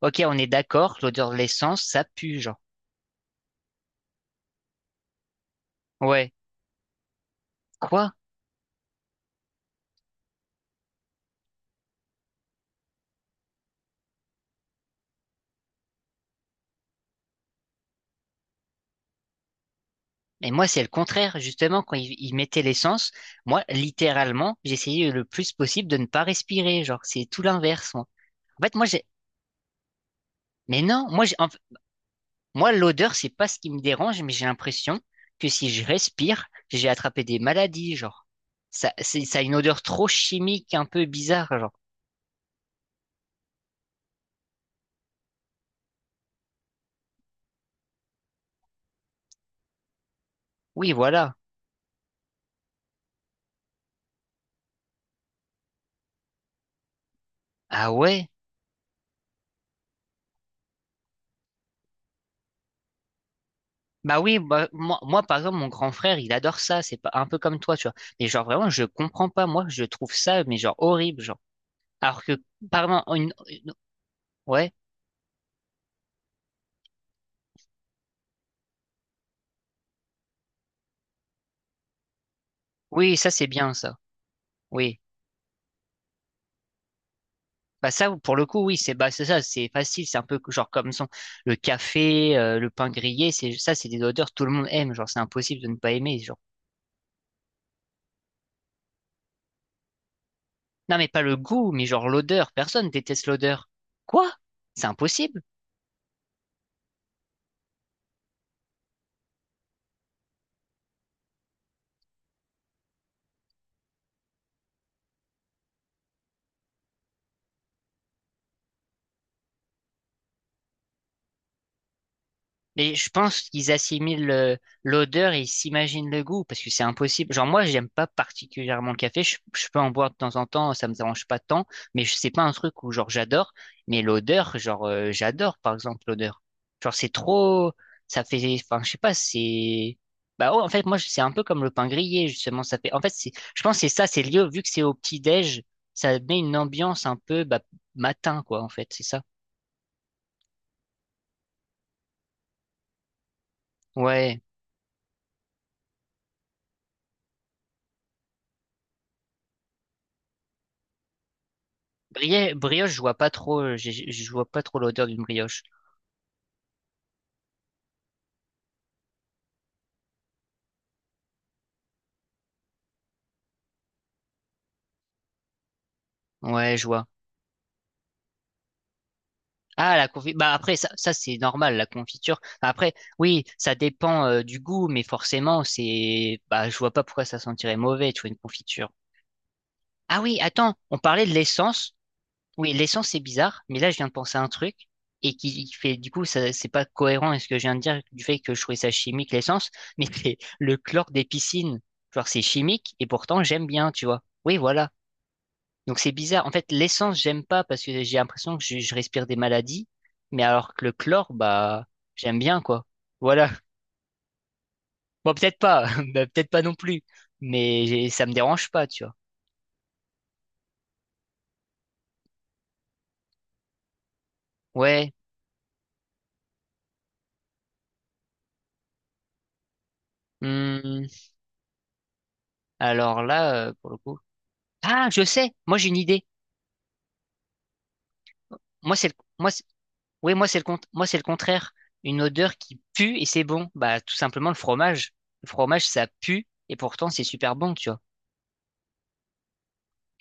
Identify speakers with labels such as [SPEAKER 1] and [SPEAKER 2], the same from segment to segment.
[SPEAKER 1] Ok, on est d'accord, l'odeur de l'essence, ça pue, genre. Ouais. Quoi? Mais moi, c'est le contraire, justement, quand ils mettaient l'essence, moi, littéralement, j'essayais le plus possible de ne pas respirer, genre, c'est tout l'inverse, moi. En fait, moi, j'ai, mais non, moi, j'ai, moi, l'odeur, c'est pas ce qui me dérange, mais j'ai l'impression que si je respire, j'ai attrapé des maladies, genre. Ça, c'est, ça a une odeur trop chimique, un peu bizarre, genre. Oui, voilà. Ah ouais? Bah oui, bah, moi, moi, par exemple, mon grand frère, il adore ça, c'est pas un peu comme toi, tu vois. Mais genre vraiment, je comprends pas, moi, je trouve ça, mais genre horrible, genre. Alors que, pardon, ouais, oui, ça c'est bien, ça, oui. Bah ça, pour le coup, oui, c'est bah c'est ça, c'est facile, c'est un peu genre comme son le café, le pain grillé, c'est ça, c'est des odeurs tout le monde aime, genre c'est impossible de ne pas aimer, genre. Non mais pas le goût, mais genre l'odeur, personne déteste l'odeur. Quoi? C'est impossible. Mais je pense qu'ils assimilent l'odeur et ils s'imaginent le goût parce que c'est impossible. Genre moi, j'aime pas particulièrement le café. Je peux en boire de temps en temps, ça me dérange pas tant. Mais c'est pas un truc où genre j'adore. Mais l'odeur, genre j'adore par exemple l'odeur. Genre c'est trop, ça fait, enfin je sais pas, c'est. Bah oh, en fait moi c'est un peu comme le pain grillé justement. Ça fait, en fait c'est, je pense que c'est ça, c'est lié vu que c'est au petit déj, ça met une ambiance un peu bah, matin quoi en fait, c'est ça. Ouais. Brioche, je vois pas trop, vois pas trop l'odeur d'une brioche. Ouais, je vois. Ah, la confiture. Bah après, ça c'est normal, la confiture. Bah, après, oui, ça dépend du goût, mais forcément, c'est, bah, je vois pas pourquoi ça sentirait mauvais, tu vois, une confiture. Ah oui, attends, on parlait de l'essence. Oui, l'essence c'est bizarre, mais là je viens de penser à un truc et qui fait, du coup, ça, c'est pas cohérent avec ce que je viens de dire du fait que je trouvais ça chimique l'essence, mais c'est le chlore des piscines. Genre c'est chimique et pourtant j'aime bien, tu vois. Oui, voilà. Donc c'est bizarre. En fait, l'essence, j'aime pas parce que j'ai l'impression que je respire des maladies, mais alors que le chlore, bah, j'aime bien, quoi. Voilà. Bon, peut-être pas, bah, peut-être pas non plus, mais ça me dérange pas, tu vois. Ouais. Hmm. Alors là, pour le coup. Ah, je sais. Moi, j'ai une idée. Moi, c'est moi, c'est- oui, moi, c'est moi, c'est le contraire. Une odeur qui pue et c'est bon. Bah, tout simplement le fromage. Le fromage, ça pue et pourtant c'est super bon, tu vois.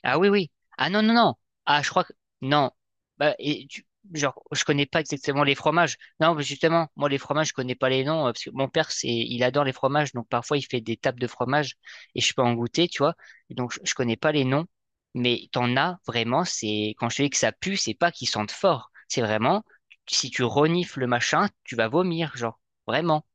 [SPEAKER 1] Ah oui, oui. Ah non, non, non. Ah, je crois que... Non. Bah, et Genre, je connais pas exactement les fromages. Non, mais justement, moi, les fromages, je connais pas les noms, parce que mon père, c'est, il adore les fromages, donc parfois, il fait des tables de fromage, et je peux en goûter, tu vois. Et donc, je connais pas les noms, mais t'en as vraiment, c'est, quand je te dis que ça pue, c'est pas qu'ils sentent fort. C'est vraiment, si tu renifles le machin, tu vas vomir, genre, vraiment.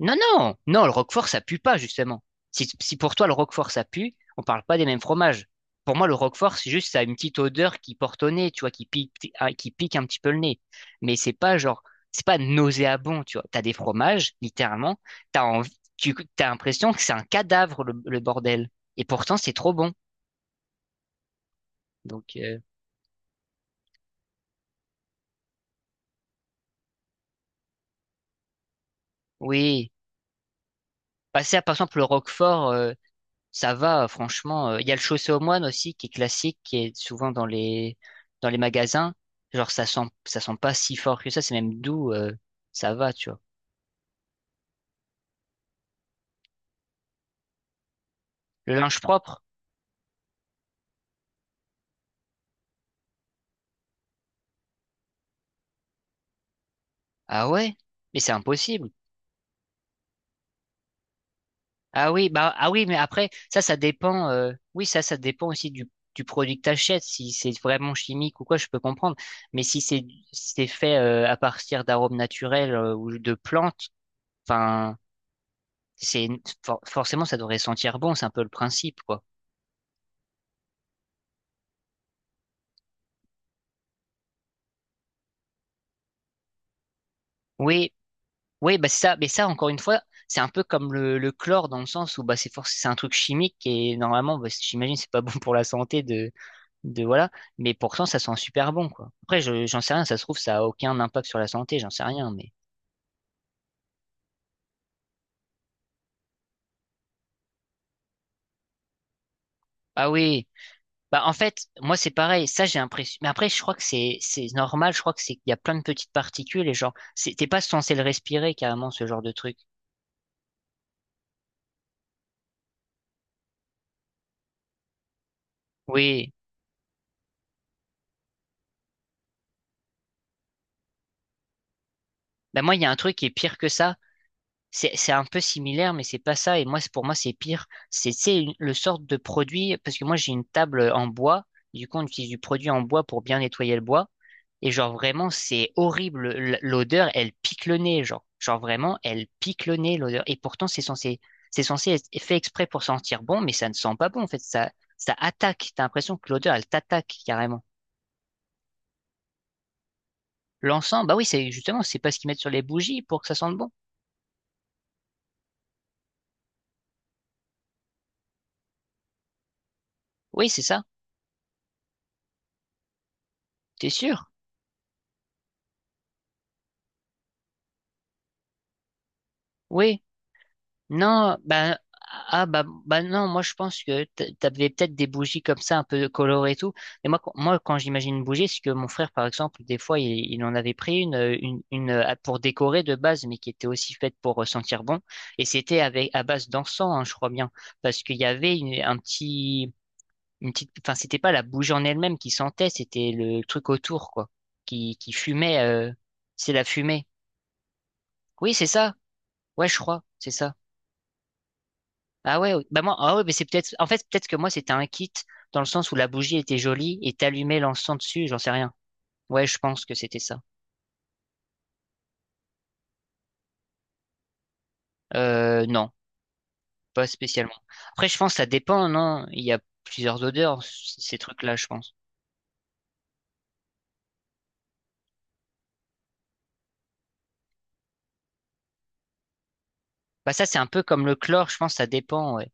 [SPEAKER 1] Non, non, non, le roquefort, ça pue pas, justement. Si, si pour toi le roquefort, ça pue, on parle pas des mêmes fromages. Pour moi, le roquefort, c'est juste, ça a une petite odeur qui porte au nez, tu vois, qui pique, ah, qui pique un petit peu le nez. Mais c'est pas genre, c'est pas nauséabond, tu vois. T'as des fromages, littéralement, t'as envie, t'as l'impression que c'est un cadavre, le bordel. Et pourtant, c'est trop bon. Donc, oui. Passer à, par exemple, le roquefort, ça va, franchement. Il y a le chaussé aux moines aussi, qui est classique, qui est souvent dans les magasins. Genre, ça sent pas si fort que ça, c'est même doux, ça va, tu vois. Le linge propre? Ah ouais? Mais c'est impossible. Ah oui, bah, ah oui, mais après, ça dépend, oui, ça dépend aussi du, produit que t'achètes. Si c'est vraiment chimique ou quoi, je peux comprendre. Mais si c'est fait, à partir d'arômes naturels, ou de plantes, enfin, c'est, forcément, ça devrait sentir bon, c'est un peu le principe, quoi. Oui, oui, bah c'est ça, mais ça, encore une fois, c'est un peu comme le chlore dans le sens où bah, c'est un truc chimique et normalement, bah, j'imagine, c'est pas bon pour la santé de voilà, mais pourtant, ça sent super bon, quoi. Après, j'en sais rien, ça se trouve, ça a aucun impact sur la santé, j'en sais rien, mais. Ah oui, bah en fait, moi, c'est pareil, ça, j'ai l'impression. Mais après, je crois que c'est normal, je crois que c'est qu'il y a plein de petites particules et genre, t'es pas censé le respirer carrément, ce genre de truc. Oui, bah moi, il y a un truc qui est pire que ça. C'est un peu similaire, mais c'est pas ça. Et moi, pour moi, c'est pire. C'est le sorte de produit, parce que moi, j'ai une table en bois. Du coup, on utilise du produit en bois pour bien nettoyer le bois. Et genre, vraiment, c'est horrible. L'odeur, elle pique le nez, genre. Genre, vraiment, elle pique le nez, l'odeur. Et pourtant, c'est censé être fait exprès pour sentir bon, mais ça ne sent pas bon, en fait. Ça attaque. T'as l'impression que l'odeur, elle t'attaque, carrément. L'encens, bah oui, c'est justement, c'est pas ce qu'ils mettent sur les bougies pour que ça sente bon. Oui, c'est ça. T'es sûr? Oui. Non, ben, ah, bah, bah non, moi je pense que t'avais peut-être des bougies comme ça, un peu colorées et tout. Mais moi, moi quand j'imagine une bougie, c'est que mon frère, par exemple, des fois, il en avait pris une, pour décorer de base, mais qui était aussi faite pour sentir bon. Et c'était avec, à base d'encens, hein, je crois bien. Parce qu'il y avait une petite, enfin, c'était pas la bougie en elle-même qui sentait, c'était le truc autour, quoi, qui fumait, c'est la fumée. Oui, c'est ça. Ouais, je crois, c'est ça. Ah ouais, ouais. Bah moi, ah ouais, mais c'est peut-être, en fait, peut-être que moi, c'était un kit dans le sens où la bougie était jolie et t'allumais l'encens dessus, j'en sais rien. Ouais, je pense que c'était ça. Non, pas spécialement. Après, je pense que ça dépend, non? Il y a plusieurs odeurs, ces trucs-là, je pense. Bah ça, c'est un peu comme le chlore, je pense que ça dépend, ouais.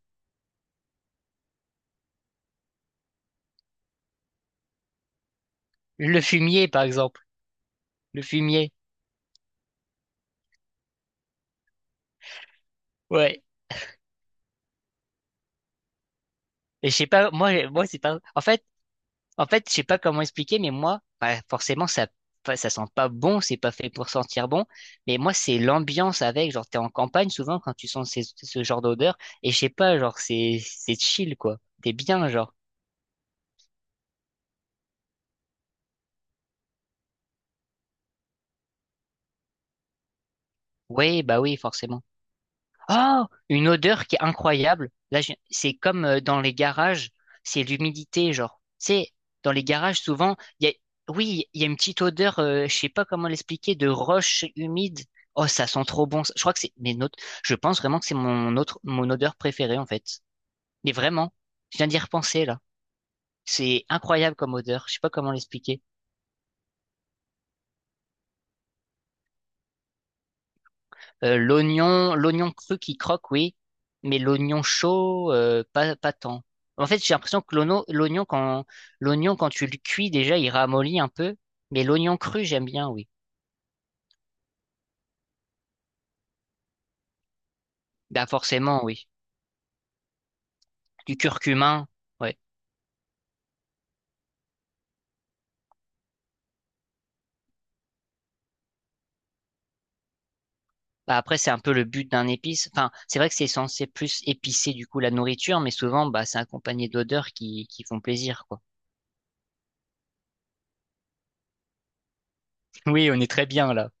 [SPEAKER 1] Le fumier, par exemple. Le fumier. Ouais. Et je sais pas, moi, moi, c'est pas, en fait, je sais pas comment expliquer, mais moi, bah, forcément, ça, ça sent pas bon, c'est pas fait pour sentir bon. Mais moi, c'est l'ambiance avec, genre, t'es en campagne souvent quand tu sens ce genre d'odeur, et je sais pas, genre, c'est chill, quoi. T'es bien, genre. Oui, bah oui, forcément. Oh, une odeur qui est incroyable. Là, c'est comme dans les garages, c'est l'humidité, genre. C'est dans les garages souvent, il y a, oui, il y a une petite odeur, je sais pas comment l'expliquer, de roche humide. Oh, ça sent trop bon. Je crois que c'est mais notes. Je pense vraiment que c'est mon autre, mon odeur préférée en fait. Mais vraiment, je viens d'y repenser là. C'est incroyable comme odeur. Je sais pas comment l'expliquer. L'oignon, l'oignon cru qui croque, oui, mais l'oignon chaud, pas tant. En fait, j'ai l'impression que l'oignon, quand tu le cuis, déjà, il ramollit un peu, mais l'oignon cru, j'aime bien, oui. Bah, forcément, oui. Du curcuma, ouais. Bah, après, c'est un peu le but d'un épice. Enfin, c'est vrai que c'est censé plus épicer, du coup, la nourriture, mais souvent, bah, c'est accompagné d'odeurs qui font plaisir, quoi. Oui, on est très bien, là.